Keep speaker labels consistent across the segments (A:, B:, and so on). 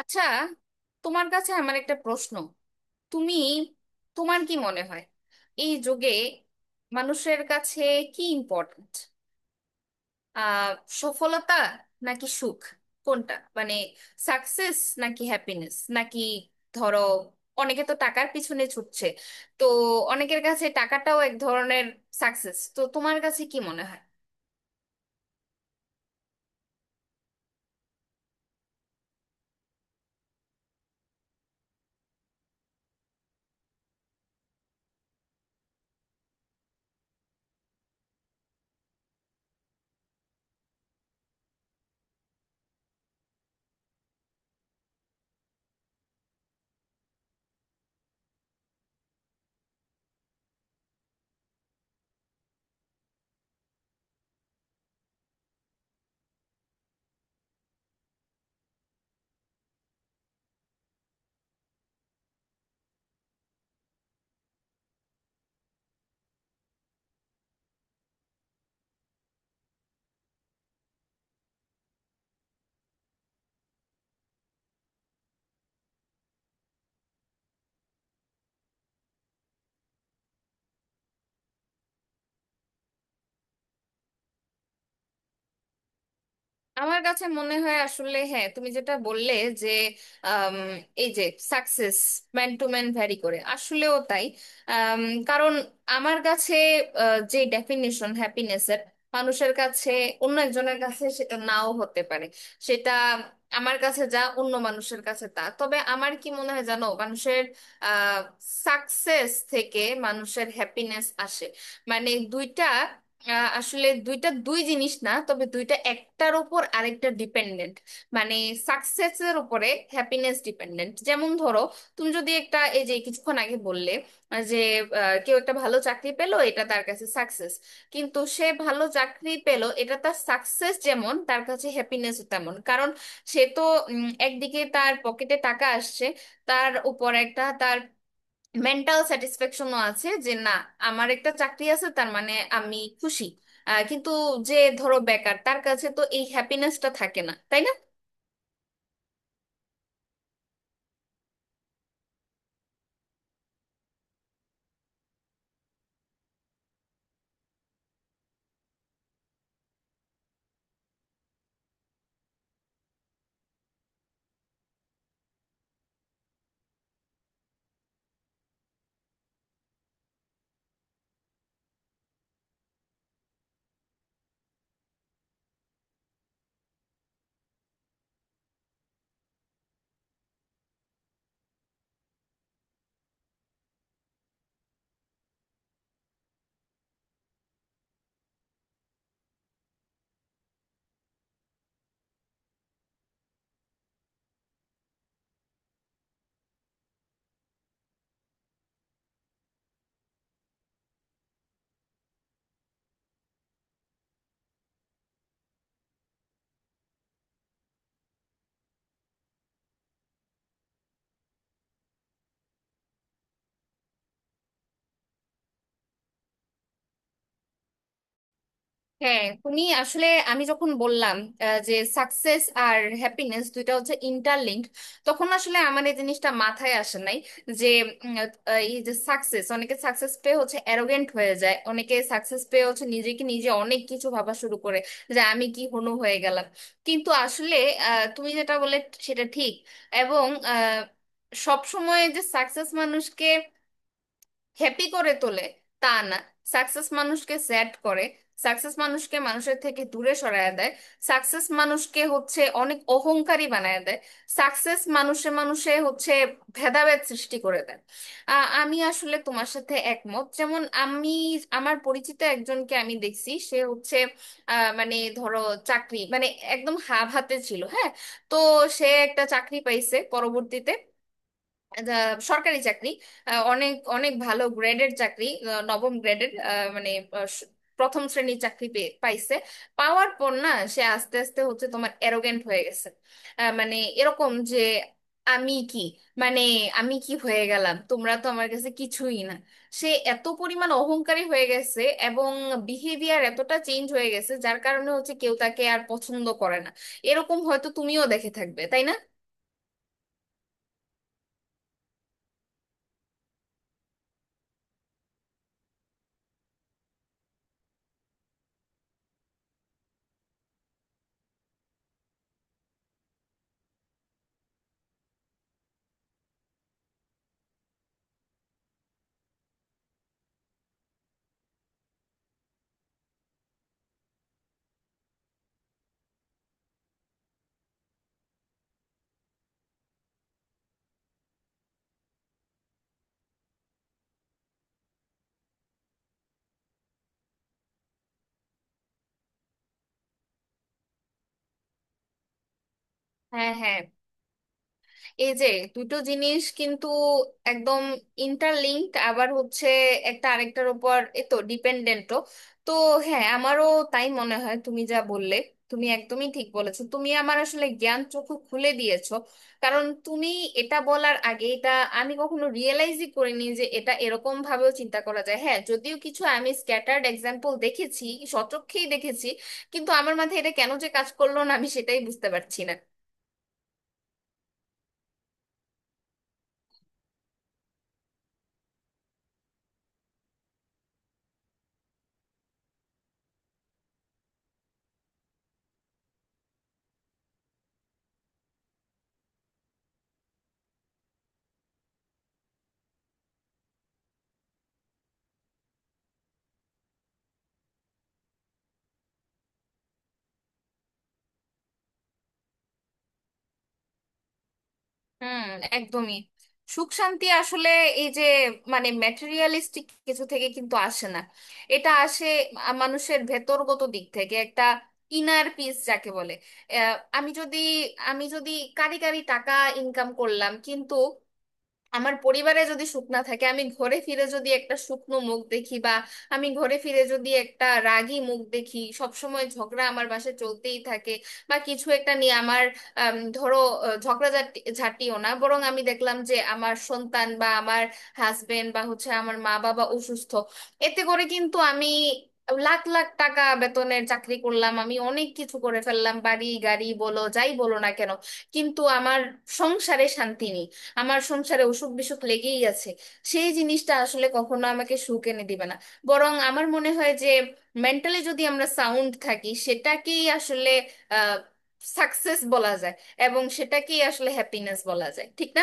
A: আচ্ছা, তোমার কাছে আমার একটা প্রশ্ন। তুমি তোমার কি মনে হয়, এই যুগে মানুষের কাছে কি ইম্পর্ট্যান্ট? আহ সফলতা নাকি সুখ? কোনটা, মানে সাকসেস নাকি হ্যাপিনেস? নাকি ধরো, অনেকে তো টাকার পিছনে ছুটছে, তো অনেকের কাছে টাকাটাও এক ধরনের সাকসেস। তো তোমার কাছে কি মনে হয়? আমার কাছে মনে হয় আসলে, হ্যাঁ, তুমি যেটা বললে যে আম, এই যে success man to man vary করে, আসলেও তাই। আম, কারণ আমার কাছে যে ডেফিনিশন হ্যাপিনেসের, মানুষের কাছে, অন্য একজনের কাছে সেটা নাও হতে পারে। সেটা আমার কাছে যা, অন্য মানুষের কাছে তা। তবে আমার কি মনে হয় জানো, মানুষের সাকসেস থেকে মানুষের হ্যাপিনেস আসে। মানে দুইটা আসলে দুইটা দুই জিনিস না, তবে দুইটা একটার উপর আরেকটা ডিপেন্ডেন্ট। মানে সাকসেসের উপরে হ্যাপিনেস ডিপেন্ডেন্ট। যেমন ধরো, তুমি যদি একটা, এই যে কিছুক্ষণ আগে বললে আহ, যে কেউ একটা ভালো চাকরি পেলো, এটা তার কাছে সাকসেস। কিন্তু সে ভালো চাকরি পেলো, এটা তার সাকসেস যেমন, তার কাছে হ্যাপিনেস তেমন। কারণ সে তো একদিকে তার পকেটে টাকা আসছে, তার উপর একটা তার মেন্টাল স্যাটিসফ্যাকশনও আছে যে না, আমার একটা চাকরি আছে, তার মানে আমি খুশি। কিন্তু যে ধরো বেকার, তার কাছে তো এই হ্যাপিনেসটা থাকে না, তাই না? হ্যাঁ, তুমি আসলে, আমি যখন বললাম যে সাকসেস আর হ্যাপিনেস দুইটা হচ্ছে ইন্টারলিঙ্ক, তখন আসলে আমার এই জিনিসটা মাথায় আসে নাই যে এই যে সাকসেস, অনেকে সাকসেস পেয়ে হচ্ছে অ্যারোগেন্ট হয়ে যায়, অনেকে সাকসেস পেয়ে হচ্ছে নিজেকে নিজে অনেক কিছু ভাবা শুরু করে যে আমি কি হনু হয়ে গেলাম। কিন্তু আসলে তুমি যেটা বলে সেটা ঠিক। এবং সব সময় যে সাকসেস মানুষকে হ্যাপি করে তোলে তা না। সাকসেস মানুষকে স্যাড করে, সাকসেস মানুষকে মানুষের থেকে দূরে সরায় দেয়, সাকসেস মানুষকে হচ্ছে অনেক অহংকারী বানায় দেয়, সাকসেস মানুষে মানুষে হচ্ছে ভেদাভেদ সৃষ্টি করে দেয়। আমি আসলে তোমার সাথে একমত। যেমন আমি, আমার পরিচিত একজনকে আমি দেখছি, সে হচ্ছে মানে ধরো, চাকরি মানে একদম হাফ হাতে ছিল, হ্যাঁ। তো সে একটা চাকরি পাইছে পরবর্তীতে, দা- সরকারি চাকরি, অনেক অনেক ভালো গ্রেডের চাকরি, নবম গ্রেডের, মানে আহ, স- প্রথম শ্রেণীর চাকরি পাইছে। পাওয়ার পর না, সে আস্তে আস্তে হচ্ছে তোমার অ্যারোগেন্ট হয়ে গেছে। মানে এরকম যে আমি কি, মানে আমি কি হয়ে গেলাম, তোমরা তো আমার কাছে কিছুই না। সে এত পরিমাণ অহংকারী হয়ে গেছে, এবং বিহেভিয়ার এতটা চেঞ্জ হয়ে গেছে, যার কারণে হচ্ছে কেউ তাকে আর পছন্দ করে না। এরকম হয়তো তুমিও দেখে থাকবে, তাই না? হ্যাঁ, হ্যাঁ, এই যে দুটো জিনিস কিন্তু একদম ইন্টারলিঙ্কড, আবার হচ্ছে একটা আরেকটার উপর এ তো ডিপেন্ডেন্টও। তো হ্যাঁ, আমারও তাই মনে হয়। তুমি যা বললে, তুমি একদমই ঠিক বলেছো। তুমি আমার আসলে জ্ঞান চক্ষু খুলে দিয়েছো। কারণ তুমি এটা বলার আগে এটা আমি কখনো রিয়েলাইজই করিনি যে এটা এরকম ভাবেও চিন্তা করা যায়। হ্যাঁ, যদিও কিছু আমি স্ক্যাটার্ড এক্সাম্পল দেখেছি, সচক্ষেই দেখেছি, কিন্তু আমার মাথায় এটা কেন যে কাজ করলো না, আমি সেটাই বুঝতে পারছি না। হুম, একদমই। সুখ শান্তি আসলে এই যে, মানে ম্যাটেরিয়ালিস্টিক কিছু থেকে কিন্তু আসে না। এটা আসে মানুষের ভেতরগত দিক থেকে, একটা ইনার পিস যাকে বলে। আহ, আমি যদি আমি যদি কারি কারি টাকা ইনকাম করলাম, কিন্তু আমার পরিবারে যদি সুখ না থাকে, আমি ঘরে ফিরে যদি একটা শুকনো মুখ দেখি, বা আমি ঘরে ফিরে যদি একটা রাগী মুখ দেখি, সব সময় ঝগড়া আমার বাসায় চলতেই থাকে, বা কিছু একটা নিয়ে আমার ধরো ঝাঁটিও না, বরং আমি দেখলাম যে আমার সন্তান, বা আমার হাজবেন্ড, বা হচ্ছে আমার মা বাবা অসুস্থ, এতে করে কিন্তু আমি লাখ লাখ টাকা বেতনের চাকরি করলাম, আমি অনেক কিছু করে ফেললাম, বাড়ি গাড়ি বলো যাই বলো না কেন, কিন্তু আমার সংসারে শান্তি নেই, আমার সংসারে অসুখ বিসুখ লেগেই আছে, সেই জিনিসটা আসলে কখনো আমাকে সুখ এনে দিবে না। বরং আমার মনে হয় যে মেন্টালি যদি আমরা সাউন্ড থাকি, সেটাকেই আসলে আহ সাকসেস বলা যায়, এবং সেটাকেই আসলে হ্যাপিনেস বলা যায়, ঠিক না?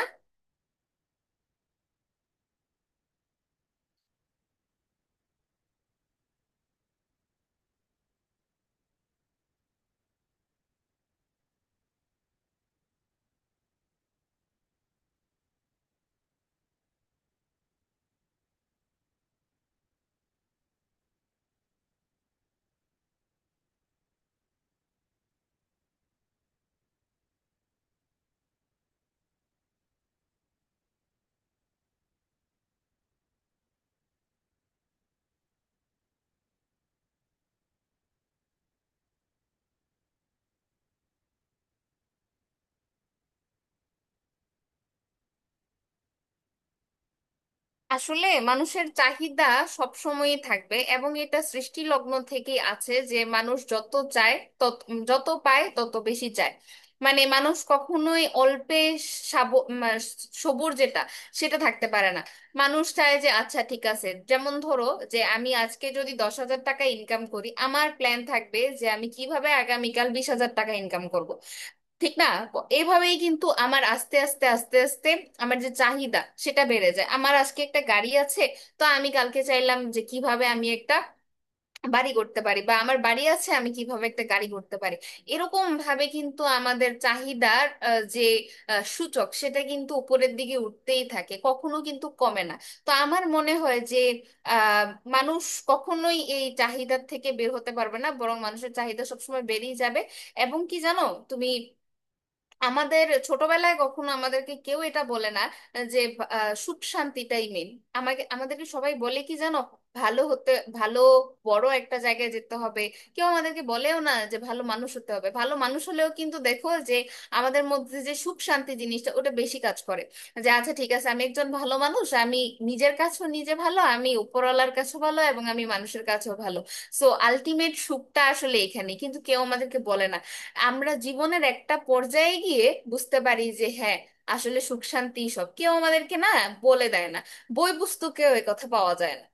A: আসলে মানুষের চাহিদা সব সময়ই থাকবে, এবং এটা সৃষ্টি লগ্ন থেকেই আছে যে মানুষ যত চায় তত, যত পায় তত বেশি চায়। মানে মানুষ কখনোই অল্পে সাব- মা- সবুর, যেটা, সেটা থাকতে পারে না। মানুষ চায় যে আচ্ছা ঠিক আছে, যেমন ধরো যে আমি আজকে যদি 10,000 টাকা ইনকাম করি, আমার প্ল্যান থাকবে যে আমি কিভাবে আগামীকাল 20,000 টাকা ইনকাম করব, ঠিক না? এভাবেই কিন্তু আমার আস্তে আস্তে আমার যে চাহিদা সেটা বেড়ে যায়। আমার আজকে একটা গাড়ি আছে, তো আমি কালকে চাইলাম যে কিভাবে আমি একটা বাড়ি করতে পারি, বা আমার বাড়ি আছে, আমি কিভাবে একটা গাড়ি করতে পারি। এরকম ভাবে কিন্তু আমাদের চাহিদার সূচক সেটা কিন্তু উপরের দিকে উঠতেই থাকে, কখনো কিন্তু কমে না। তো আমার মনে হয় যে আহ মানুষ কখনোই এই চাহিদার থেকে বের হতে পারবে না, বরং মানুষের চাহিদা সবসময় বেড়েই যাবে। এবং কি জানো তুমি, আমাদের ছোটবেলায় কখনো আমাদেরকে কেউ এটা বলে না যে সুখ শান্তিটাই মেন। আমাদেরকে সবাই বলে কি জানো, ভালো হতে, ভালো বড় একটা জায়গায় যেতে হবে। কেউ আমাদেরকে বলেও না যে ভালো মানুষ হতে হবে। ভালো মানুষ হলেও কিন্তু দেখো যে আমাদের মধ্যে যে সুখ শান্তি জিনিসটা ওটা বেশি কাজ করে, যে আচ্ছা ঠিক আছে, আমি একজন ভালো মানুষ, আমি নিজের কাছেও নিজে ভালো, আমি উপরওয়ালার কাছেও ভালো, এবং আমি মানুষের কাছেও ভালো। সো আলটিমেট সুখটা আসলে এখানে, কিন্তু কেউ আমাদেরকে বলে না। আমরা জীবনের একটা পর্যায়ে গিয়ে বুঝতে পারি যে হ্যাঁ, আসলে সুখ শান্তি সব কেউ আমাদেরকে না, বলে দেয় না, বই পুস্তকেও এ কথা পাওয়া যায় না।